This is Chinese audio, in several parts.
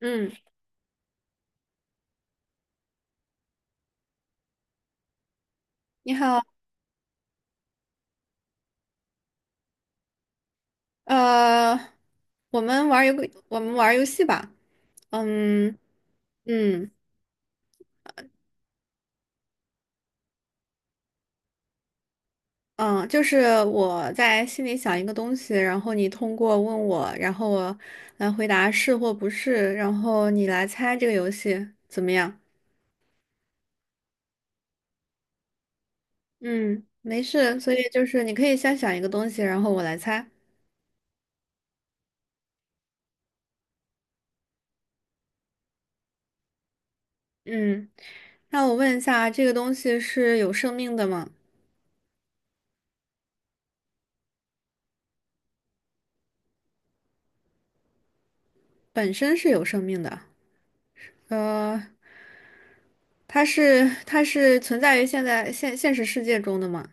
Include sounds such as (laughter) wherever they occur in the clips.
嗯，你好，呃，我们玩儿游，我们玩儿游戏吧。嗯嗯嗯，就是我在心里想一个东西，然后你通过问我，然后我来回答是或不是，然后你来猜这个游戏怎么样？嗯，没事，所以就是你可以先想一个东西，然后我来猜。嗯，那我问一下，这个东西是有生命的吗？本身是有生命的。呃。它是存在于现在现现实世界中的嘛，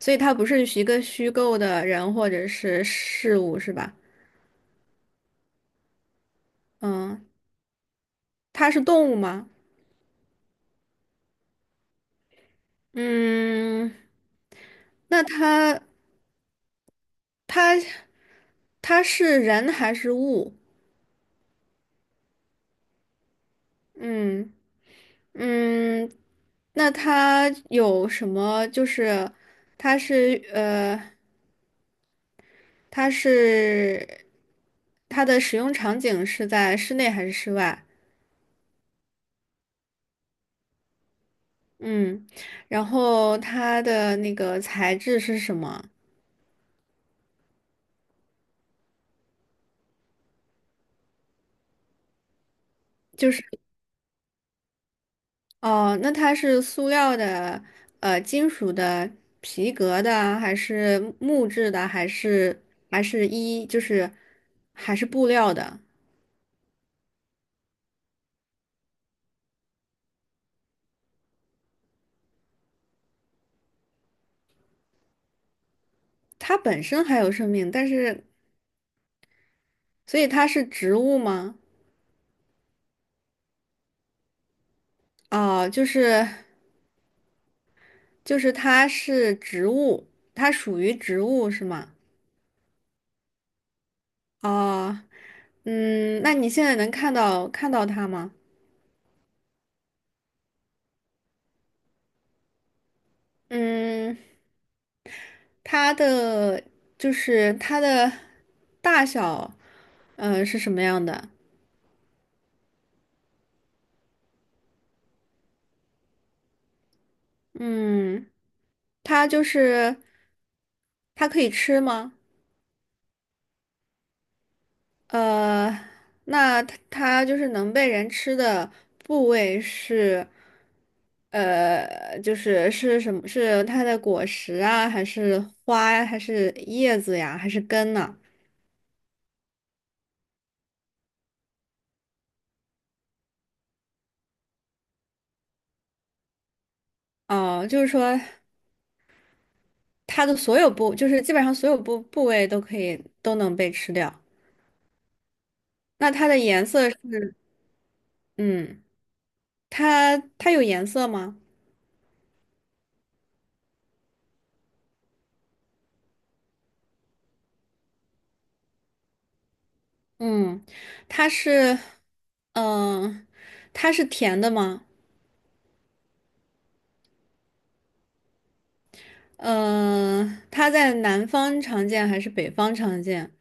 所以它不是一个虚构的人或者是事物，是吧？嗯，它是动物吗？嗯，那它它是人还是物？嗯嗯，那它有什么？就是它是呃，它是它的使用场景是在室内还是室外？嗯，然后它的那个材质是什么？就是哦，那它是塑料的、金属的、皮革的，还是木质的，还是还是一就是还是布料的？它本身还有生命，但是所以它是植物吗？哦，就是它是植物，它属于植物是吗？哦，嗯，那你现在能看到它吗？嗯。它的它的大小，是什么样的？嗯，它就是它可以吃吗？呃，那它就是能被人吃的部位是，就是是什么？是它的果实啊，还是花呀，还是叶子呀，还是根呢？哦，就是说它的所有部，就是基本上所有部位都都能被吃掉。那它的颜色是，嗯，它有颜色吗？嗯，它是，嗯、它是甜的吗？嗯、它在南方常见还是北方常见？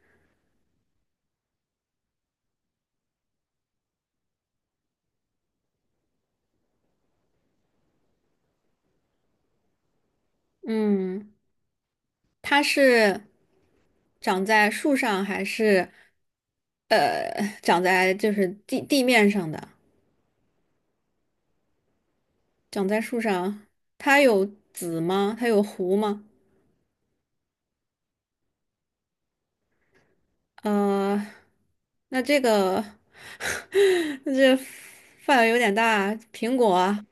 嗯，它是长在树上还是，长在就是地面上的？长在树上，它有籽吗？它有核吗？嗯、呃那这个，(laughs) 那这范围有点大。苹果啊，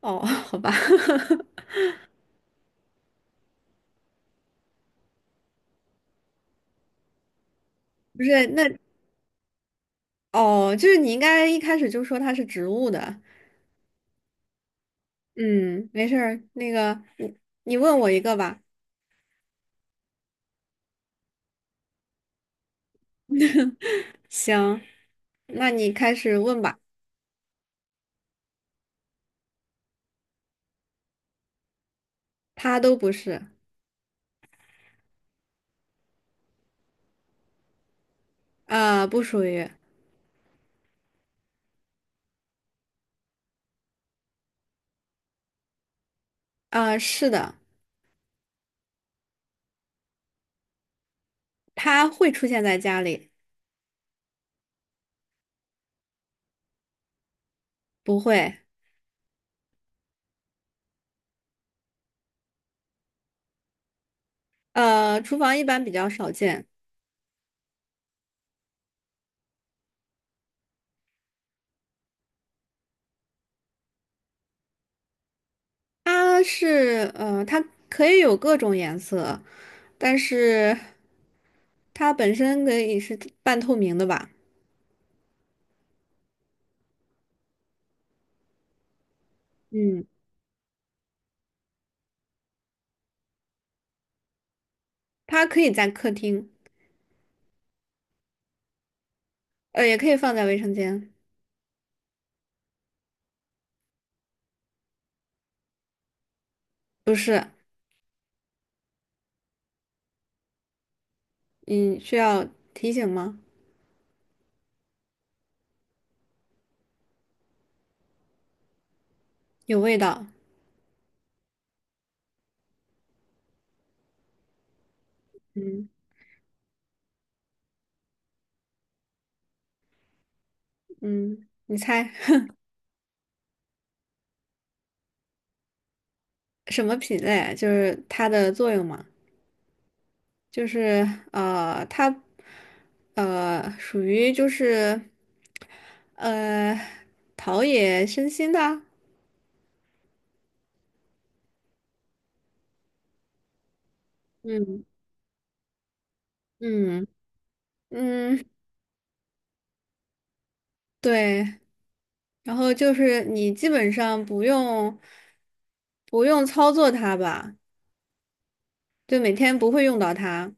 哦，(laughs) 好吧，(laughs) 不是，那哦，就是你应该一开始就说它是植物的。嗯，没事儿。那个，你问我一个吧。(laughs) 行，那你开始问吧。它都不是，不属于，是的，它会出现在家里，不会，厨房一般比较少见。它可以有各种颜色，但是它本身可以是半透明的吧？嗯，它可以在客厅，也可以放在卫生间。不是，你需要提醒吗？有味道。嗯嗯，你猜 (laughs) 什么品类？就是它的作用嘛？就是呃，它属于就是呃陶冶身心的。嗯嗯。嗯，对，然后就是你基本上不用操作它吧，就每天不会用到它，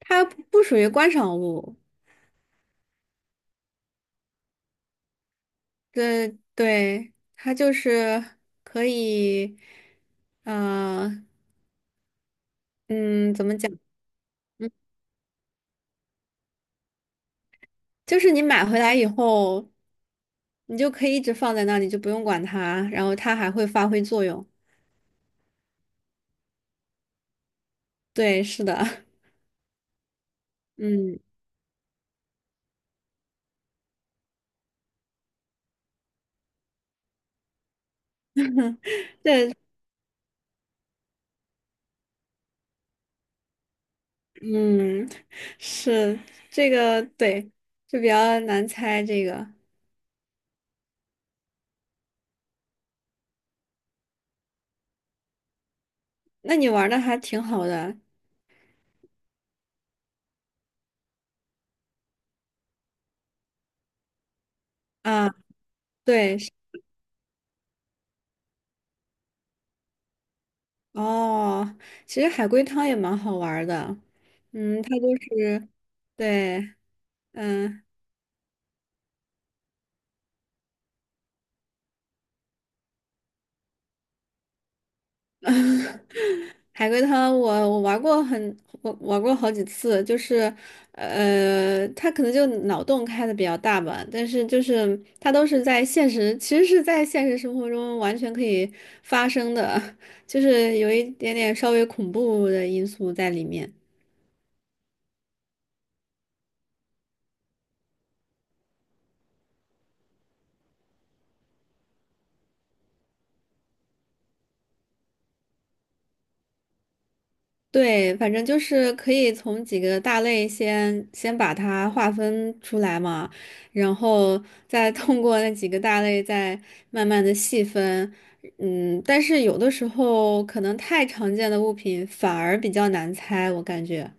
它不属于观赏物，对对，它就是可以，呃，嗯，怎么讲？嗯，就是你买回来以后，你就可以一直放在那里，就不用管它，然后它还会发挥作用。对，是的，(laughs) 嗯。嗯，是这个对，就比较难猜这个。那你玩的还挺好的。啊，对是哦，其实海龟汤也蛮好玩的。嗯，它就是对，嗯。(laughs) 海龟汤我玩过好几次，就是他可能就脑洞开的比较大吧，但是就是他都是在现实，其实是在现实生活中完全可以发生的，(laughs) 就是有一点点稍微恐怖的因素在里面。对，反正就是可以从几个大类先把它划分出来嘛，然后再通过那几个大类再慢慢的细分。嗯，但是有的时候可能太常见的物品反而比较难猜，我感觉。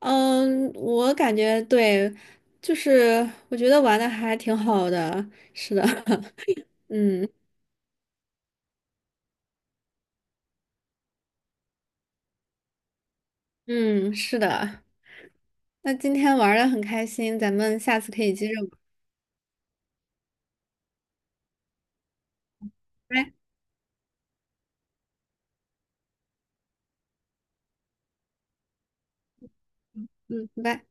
嗯，我感觉对，就是我觉得玩的还挺好的。是的，(laughs) 嗯嗯，是的。那今天玩的很开心，咱们下次可以接着玩。拜，嗯，拜。